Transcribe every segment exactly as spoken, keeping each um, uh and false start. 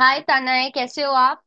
हाय तनय, कैसे हो आप।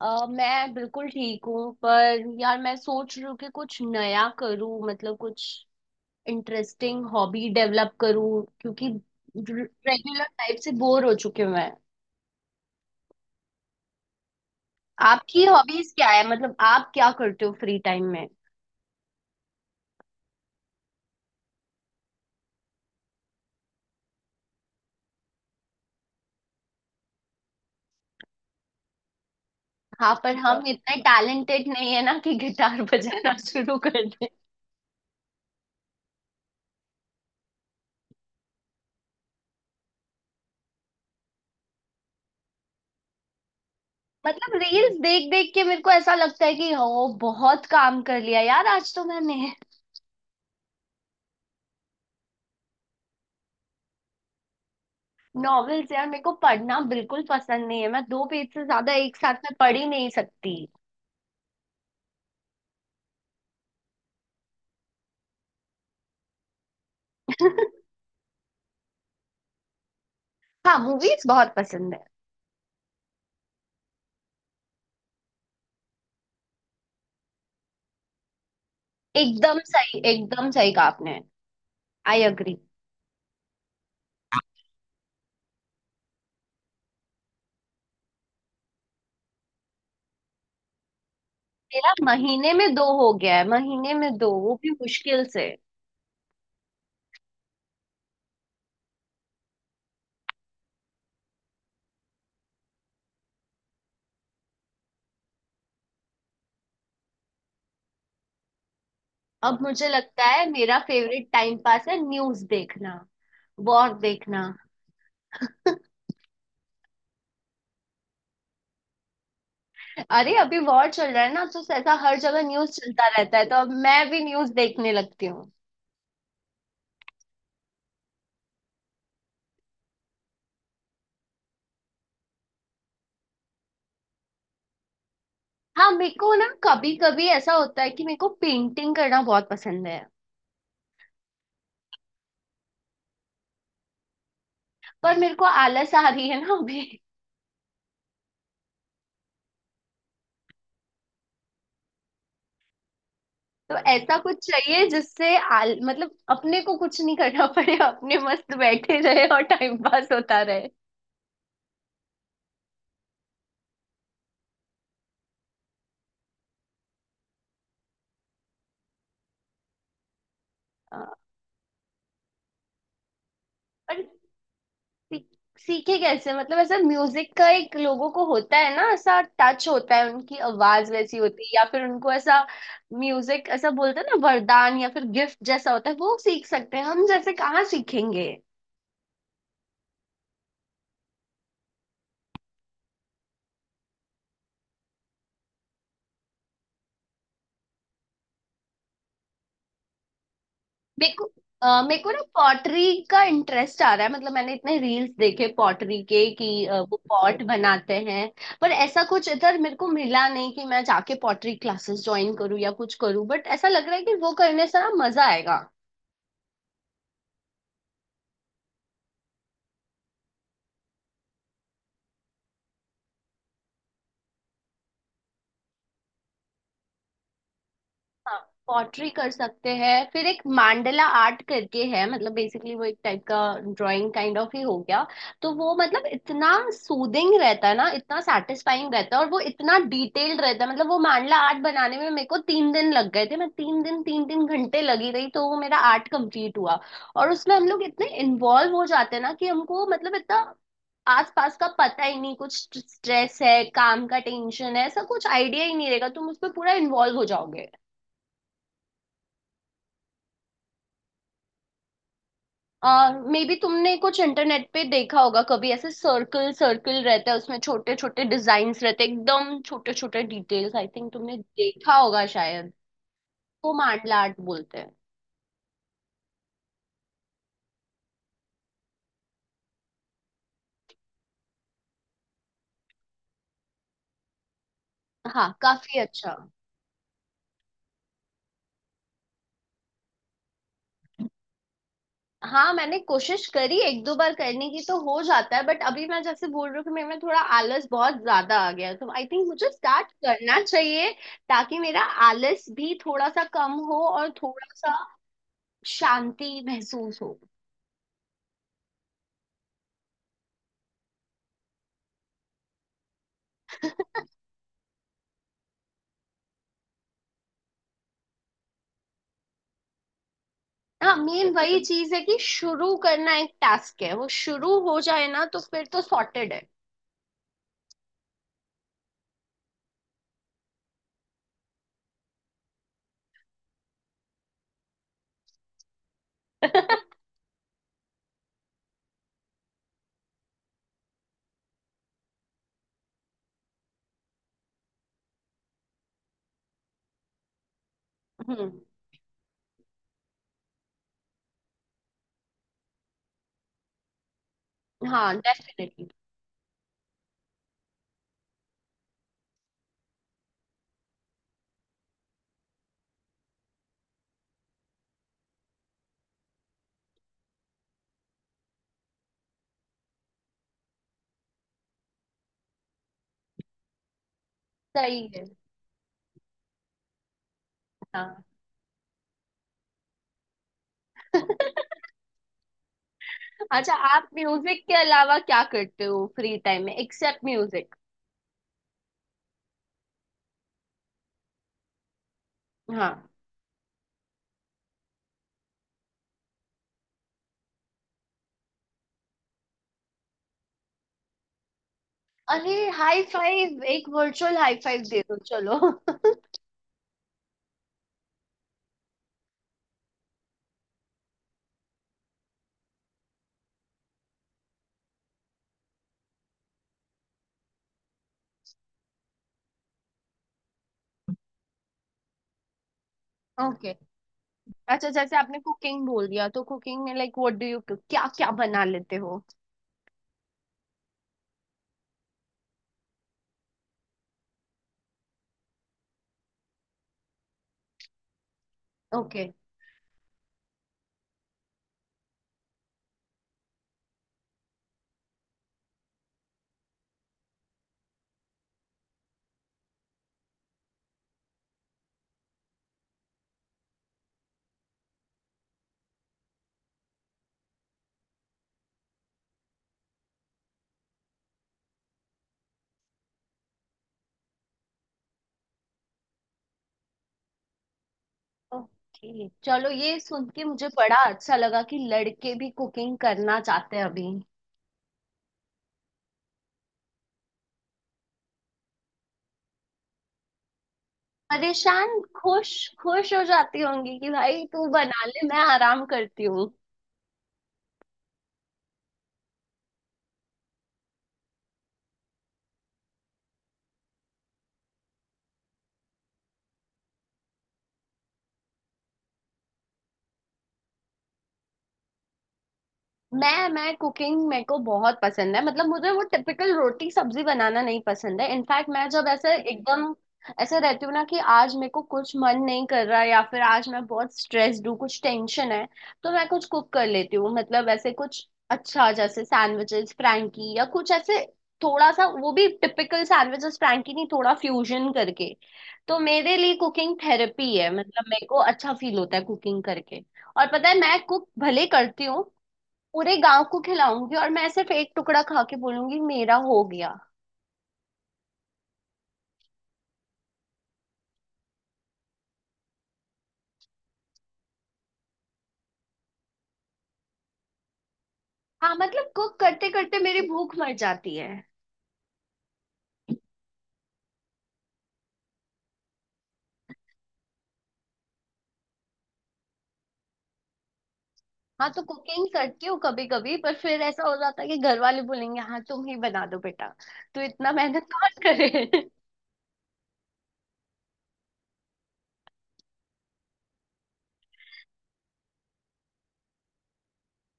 अ, मैं बिल्कुल ठीक हूँ, पर यार मैं सोच रही हूँ कि कुछ नया करूँ। मतलब कुछ इंटरेस्टिंग हॉबी डेवलप करूँ, क्योंकि रेगुलर लाइफ से बोर हो चुके मैं। आपकी हॉबीज क्या है? मतलब आप क्या करते हो फ्री टाइम में? हाँ, पर हम इतने टैलेंटेड नहीं है ना कि गिटार बजाना शुरू कर दें। मतलब रील्स देख देख के मेरे को ऐसा लगता है कि ओ बहुत काम कर लिया यार आज तो मैंने। नॉवेल्स यार मेरे को पढ़ना बिल्कुल पसंद नहीं है। मैं दो पेज से ज्यादा एक साथ में पढ़ ही नहीं सकती। हाँ, मूवीज बहुत पसंद है। एकदम सही, एकदम सही कहा आपने। I agree. मेरा महीने में दो हो गया है, महीने में दो, वो भी मुश्किल से। अब मुझे लगता है मेरा फेवरेट टाइम पास है न्यूज देखना, वॉर देखना। अरे, अभी वॉर चल रहा है ना, तो ऐसा हर जगह न्यूज चलता रहता है, तो अब मैं भी न्यूज देखने लगती हूँ। हाँ मेरे को ना कभी कभी ऐसा होता है कि मेरे को पेंटिंग करना बहुत पसंद है। पर मेरे को आलस आ रही है ना अभी। तो ऐसा कुछ चाहिए जिससे आल मतलब अपने को कुछ नहीं करना पड़े, अपने मस्त बैठे रहे और टाइम पास होता रहे। आ, पर सी- सीखे कैसे? मतलब ऐसा म्यूजिक का एक लोगों को होता है ना, ऐसा टच होता है, उनकी आवाज वैसी होती है या फिर उनको ऐसा म्यूजिक ऐसा बोलते हैं ना, वरदान या फिर गिफ्ट जैसा होता है। वो सीख सकते हैं, हम जैसे कहाँ सीखेंगे। मेरे को अ, मेरे को ना पॉटरी का इंटरेस्ट आ रहा है। मतलब मैंने इतने रील्स देखे पॉटरी के कि अ, वो पॉट बनाते हैं। पर ऐसा कुछ इधर मेरे को मिला नहीं कि मैं जाके पॉटरी क्लासेस ज्वाइन करूँ या कुछ करूँ, बट ऐसा लग रहा है कि वो करने से ना मजा आएगा। हाँ, पॉटरी कर सकते हैं। फिर एक मांडला आर्ट करके है, मतलब बेसिकली वो एक टाइप का ड्राइंग काइंड ऑफ ही हो गया। तो वो मतलब इतना सूदिंग रहता है ना, इतना सेटिस्फाइंग रहता है और वो इतना डिटेल्ड रहता है। मतलब वो मांडला आर्ट बनाने में मेरे को तीन दिन लग गए थे। मैं तीन दिन तीन तीन घंटे लगी रही, तो वो मेरा आर्ट कंप्लीट हुआ। और उसमें हम लोग इतने इन्वॉल्व हो जाते हैं ना कि हमको मतलब इतना आसपास का पता ही नहीं। कुछ स्ट्रेस है, काम का टेंशन है, ऐसा कुछ आइडिया ही नहीं रहेगा। तुम उस पर पूरा इन्वॉल्व हो जाओगे। मे बी तुमने कुछ इंटरनेट पे देखा होगा कभी, ऐसे सर्कल सर्कल रहता है, उसमें छोटे छोटे डिजाइन्स रहते हैं, एकदम छोटे छोटे डिटेल्स, आई थिंक तुमने देखा होगा शायद। वो मांडला आर्ट बोलते हैं। हाँ, काफी अच्छा। हाँ मैंने कोशिश करी एक दो बार करने की, तो हो जाता है, बट अभी मैं जैसे बोल रही हूँ कि मेरे में थोड़ा आलस बहुत ज्यादा आ गया है। तो आई थिंक मुझे स्टार्ट करना चाहिए, ताकि मेरा आलस भी थोड़ा सा कम हो और थोड़ा सा शांति महसूस हो। हाँ मेन ऐसे वही तुम चीज है कि शुरू करना एक टास्क है। वो शुरू हो जाए ना, तो फिर तो सॉर्टेड है। हम्म। हाँ, डेफिनेटली। सही है। हाँ। अच्छा, आप म्यूजिक के अलावा क्या करते हो फ्री टाइम में, एक्सेप्ट म्यूजिक? हाँ। अरे हाई फाइव, एक वर्चुअल हाई फाइव दे दो चलो। ओके। अच्छा जैसे आपने कुकिंग बोल दिया, तो कुकिंग में लाइक व्हाट डू यू, क्या क्या बना लेते हो? ओके। ओके चलो, ये सुन के मुझे बड़ा अच्छा लगा कि लड़के भी कुकिंग करना चाहते हैं अभी। परेशान? खुश, खुश हो जाती होंगी कि भाई तू बना ले, मैं आराम करती हूँ। मैं मैं कुकिंग मेरे को बहुत पसंद है। मतलब मुझे वो टिपिकल रोटी सब्जी बनाना नहीं पसंद है। इनफैक्ट मैं जब ऐसे एकदम ऐसे रहती हूँ ना कि आज मेरे को कुछ मन नहीं कर रहा या फिर आज मैं बहुत स्ट्रेस्ड हूँ, कुछ टेंशन है, तो मैं कुछ कुक कर लेती हूँ। मतलब ऐसे कुछ अच्छा जैसे सैंडविचेस, फ्रैंकी या कुछ ऐसे, थोड़ा सा वो भी टिपिकल सैंडविचेस फ्रैंकी नहीं, थोड़ा फ्यूजन करके। तो मेरे लिए कुकिंग थेरेपी है। मतलब मेरे को अच्छा फील होता है कुकिंग करके। और पता है मैं कुक भले करती हूँ, पूरे गांव को खिलाऊंगी और मैं सिर्फ एक टुकड़ा खा के बोलूंगी मेरा हो गया। हाँ, मतलब कुक करते करते मेरी भूख मर जाती है। हाँ तो कुकिंग करती हूँ कभी कभी, पर फिर ऐसा हो जाता है कि घर वाले बोलेंगे हाँ तुम ही बना दो बेटा, तो इतना मेहनत कौन करे।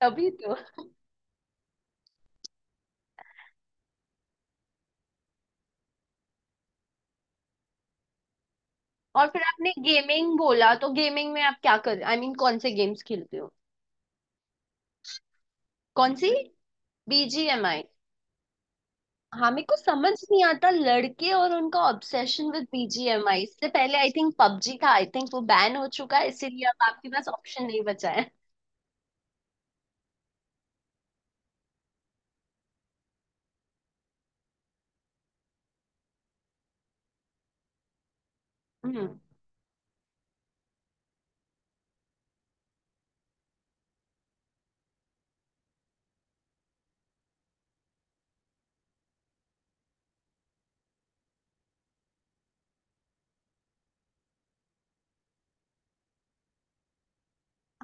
तभी तो। और फिर आपने गेमिंग बोला, तो गेमिंग में आप क्या कर, आई I मीन mean, कौन से गेम्स खेलते हो? कौन सी? बीजीएमआई? हाँ मेरे को समझ नहीं आता लड़के और उनका ऑब्सेशन विद बीजीएमआई। इससे पहले आई थिंक पबजी था, आई थिंक वो बैन हो चुका है, इसीलिए अब आपके पास ऑप्शन नहीं बचा है। हम्म।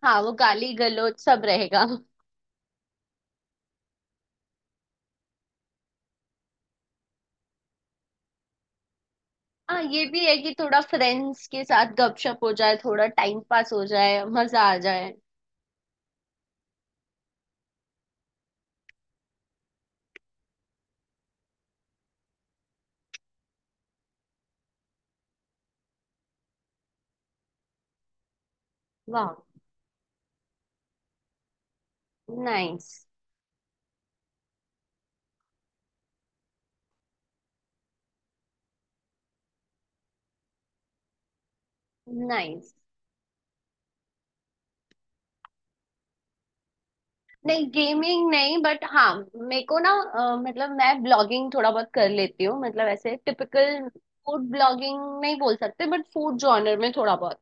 हाँ, वो गाली गलौज सब रहेगा। हाँ ये भी है कि थोड़ा फ्रेंड्स के साथ गपशप हो जाए, थोड़ा टाइम पास हो जाए, मजा आ जाए। वाह। नाइस। नाइस। नहीं, गेमिंग नहीं, बट हाँ मेरे को ना अ, मतलब मैं ब्लॉगिंग थोड़ा बहुत कर लेती हूँ। मतलब ऐसे टिपिकल फूड ब्लॉगिंग नहीं बोल सकते, बट फूड जॉनर में थोड़ा बहुत।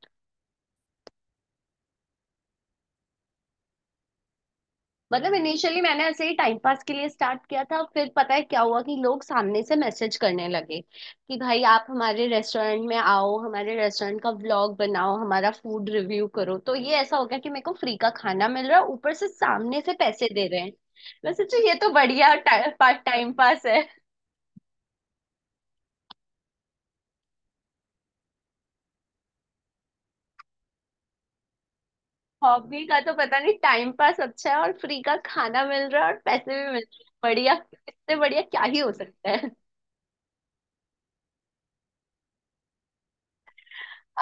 मतलब इनिशियली मैंने ऐसे ही टाइम पास के लिए स्टार्ट किया था, फिर पता है क्या हुआ, कि लोग सामने से मैसेज करने लगे कि भाई आप हमारे रेस्टोरेंट में आओ, हमारे रेस्टोरेंट का व्लॉग बनाओ, हमारा फूड रिव्यू करो। तो ये ऐसा हो गया कि मेरे को फ्री का खाना मिल रहा है, ऊपर से सामने से पैसे दे रहे हैं। वैसे तो ये तो बढ़िया टाइम पास, टाइम पास है। हॉबी का तो पता नहीं, टाइम पास अच्छा है और फ्री का खाना मिल रहा है और पैसे भी मिल रहे हैं, बढ़िया। इससे बढ़िया क्या ही हो सकता है।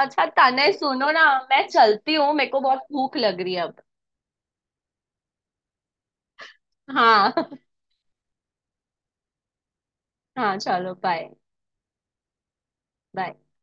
अच्छा तने सुनो ना, मैं चलती हूँ, मेरे को बहुत भूख लग रही है अब। हाँ। हाँ चलो बाय। बाय।